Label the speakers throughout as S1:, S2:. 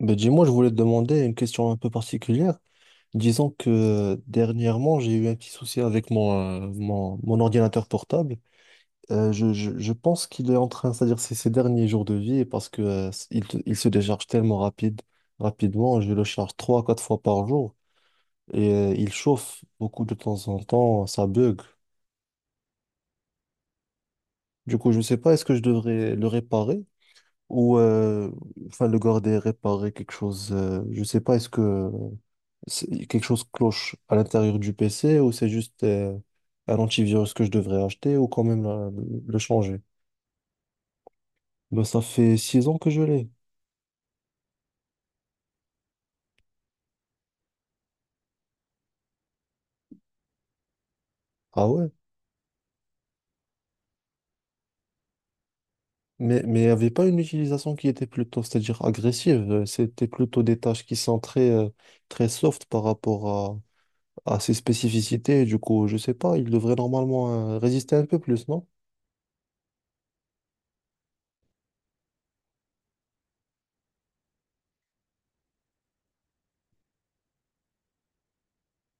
S1: Ben dis-moi, je voulais te demander une question un peu particulière. Disons que dernièrement, j'ai eu un petit souci avec mon ordinateur portable. Je pense qu'il est en train, c'est-à-dire c'est ses derniers jours de vie, parce que il se décharge tellement rapidement. Je le charge trois à quatre fois par jour et il chauffe beaucoup de temps en temps, ça bug. Du coup, je ne sais pas, est-ce que je devrais le réparer ou enfin le garder, réparer quelque chose. Je ne sais pas, quelque chose cloche à l'intérieur du PC, ou c'est juste un antivirus que je devrais acheter, ou quand même le changer? Ben, ça fait 6 ans que je l'ai. Ah ouais? Mais il n'y avait pas une utilisation qui était plutôt, c'est-à-dire agressive. C'était plutôt des tâches qui sont très soft par rapport à ses spécificités. Du coup, je sais pas, il devrait normalement résister un peu plus, non?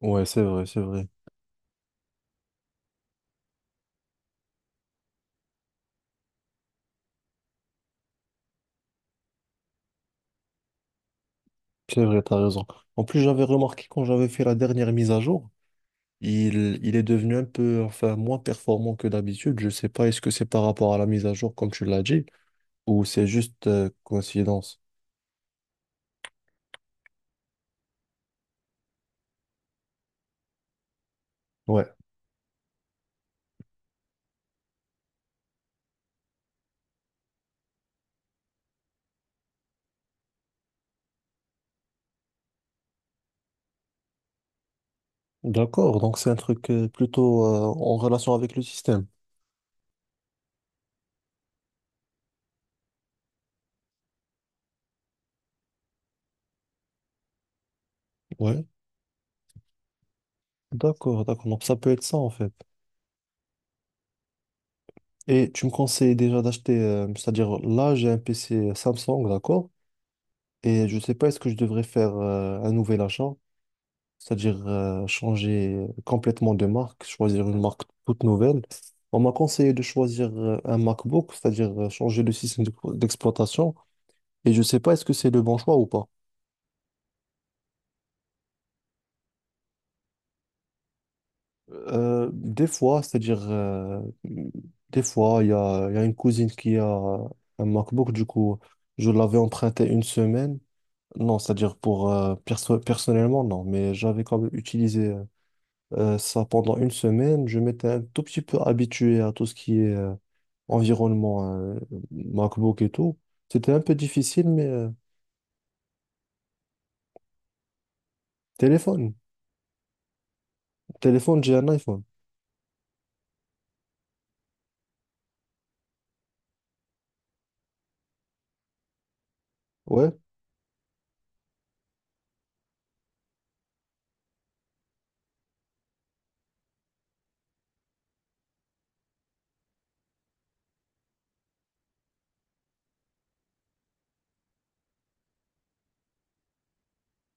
S1: Ouais, c'est vrai, c'est vrai. C'est vrai, t'as raison. En plus, j'avais remarqué quand j'avais fait la dernière mise à jour. Il est devenu un peu, enfin, moins performant que d'habitude. Je sais pas, est-ce que c'est par rapport à la mise à jour, comme tu l'as dit, ou c'est juste coïncidence? Ouais. D'accord, donc c'est un truc plutôt en relation avec le système. Ouais. D'accord, d'accord. Donc ça peut être ça, en fait. Et tu me conseilles déjà d'acheter, c'est-à-dire là, j'ai un PC Samsung, d'accord? Et je sais pas, est-ce que je devrais faire un nouvel achat? C'est-à-dire changer complètement de marque, choisir une marque toute nouvelle. On m'a conseillé de choisir un MacBook, c'est-à-dire changer le système d'exploitation. Et je ne sais pas, est-ce que c'est le bon choix ou pas. Des fois, c'est-à-dire, des fois, il y a une cousine qui a un MacBook. Du coup, je l'avais emprunté une semaine. Non, c'est-à-dire pour personnellement, non, mais j'avais quand même utilisé ça pendant une semaine. Je m'étais un tout petit peu habitué à tout ce qui est environnement MacBook et tout. C'était un peu difficile, mais téléphone. Téléphone, j'ai un iPhone. Ouais.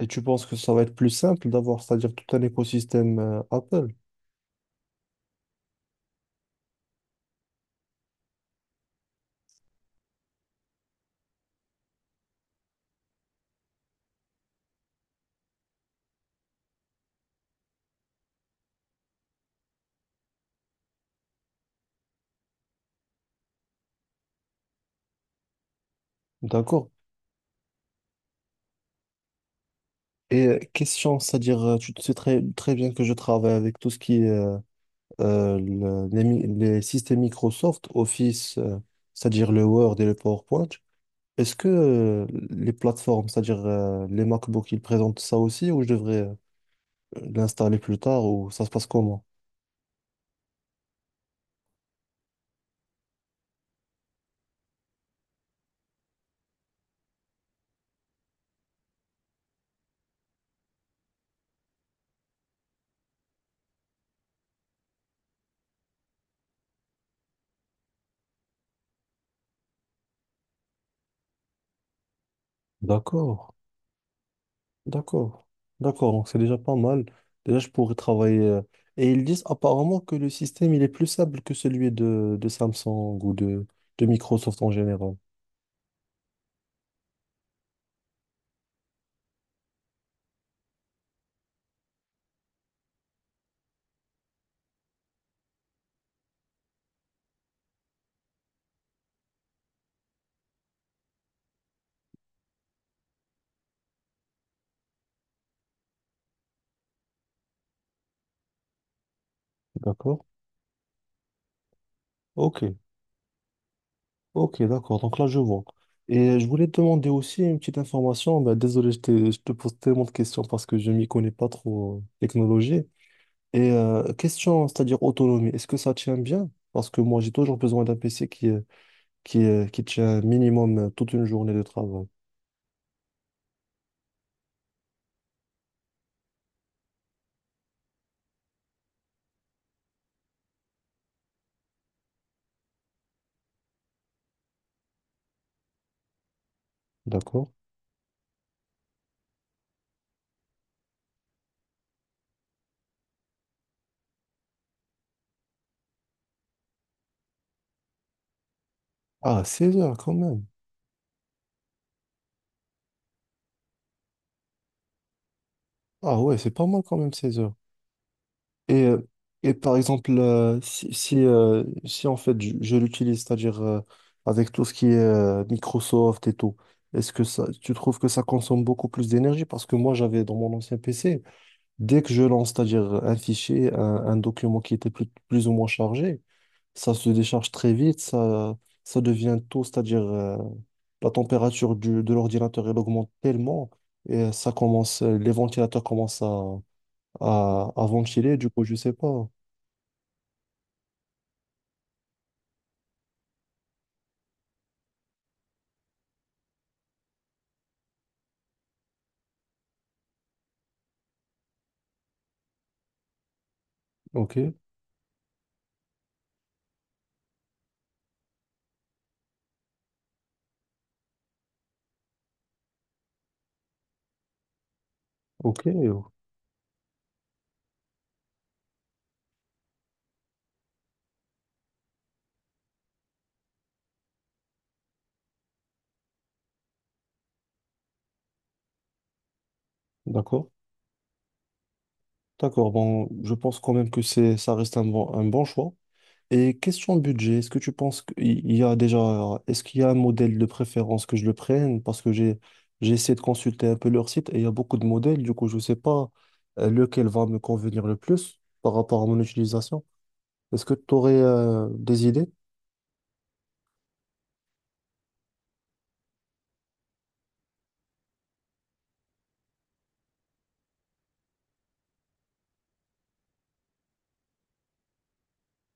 S1: Et tu penses que ça va être plus simple d'avoir, c'est-à-dire tout un écosystème Apple. D'accord. Et question, c'est-à-dire, tu sais très, très bien que je travaille avec tout ce qui est les systèmes Microsoft, Office, c'est-à-dire le Word et le PowerPoint. Est-ce que les plateformes, c'est-à-dire les MacBooks, ils présentent ça aussi, ou je devrais l'installer plus tard, ou ça se passe comment? D'accord, d'accord, d'accord. Donc c'est déjà pas mal. Déjà, je pourrais travailler. Et ils disent apparemment que le système, il est plus simple que celui de Samsung, ou de Microsoft en général. D'accord? Ok. Ok, d'accord. Donc là, je vois. Et je voulais te demander aussi une petite information. Bah, désolé, je te pose tellement de questions parce que je m'y connais pas trop en technologie. Et question, c'est-à-dire autonomie, est-ce que ça tient bien? Parce que moi, j'ai toujours besoin d'un PC qui tient minimum toute une journée de travail. D'accord? Ah, 16 heures quand même. Ah ouais, c'est pas mal quand même, 16 heures. Et, euh, et par exemple, si en fait je l'utilise, c'est-à-dire avec tout ce qui est Microsoft et tout, est-ce que ça, tu trouves que ça consomme beaucoup plus d'énergie? Parce que moi, j'avais dans mon ancien PC, dès que je lance, c'est-à-dire un fichier, un document qui était plus ou moins chargé, ça se décharge très vite. Ça devient tôt, c'est-à-dire la température de l'ordinateur, elle augmente tellement, et ça commence, les ventilateurs commencent à ventiler. Du coup, je sais pas. Ok, ok, d'accord. D'accord, bon, je pense quand même que ça reste un bon choix. Et question budget, est-ce que tu penses qu'il y a déjà, est-ce qu'il y a un modèle de préférence que je le prenne? Parce que j'ai essayé de consulter un peu leur site, et il y a beaucoup de modèles. Du coup, je ne sais pas lequel va me convenir le plus par rapport à mon utilisation. Est-ce que tu aurais des idées?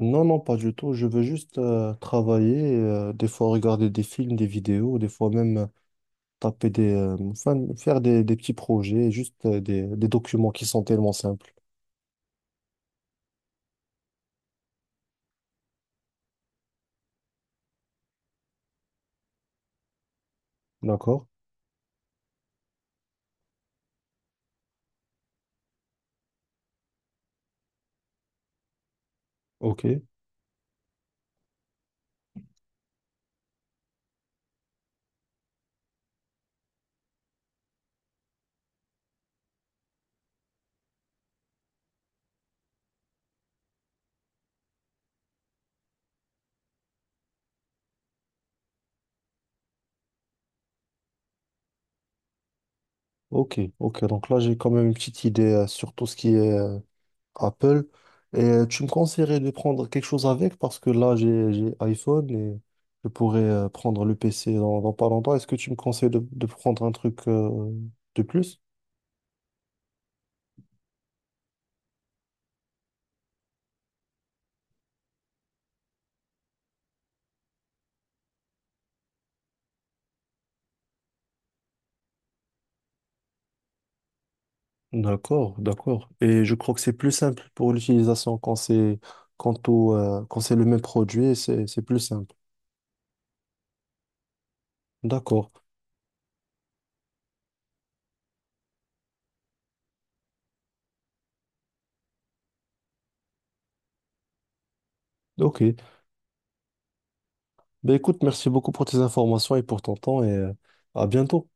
S1: Non, non, pas du tout. Je veux juste travailler, des fois regarder des films, des vidéos, des fois même taper des, enfin, faire des petits projets, juste des documents qui sont tellement simples. D'accord? Ok, ok, ok. Donc là, j'ai quand même une petite idée sur tout ce qui est Apple. Et tu me conseillerais de prendre quelque chose avec, parce que là, j'ai iPhone, et je pourrais prendre le PC dans pas longtemps. Est-ce que tu me conseilles de prendre un truc de plus? D'accord, d'accord. Et je crois que c'est plus simple pour l'utilisation quand c'est quand c'est le même produit, c'est plus simple. D'accord. Ok. Ben écoute, merci beaucoup pour tes informations et pour ton temps, et à bientôt.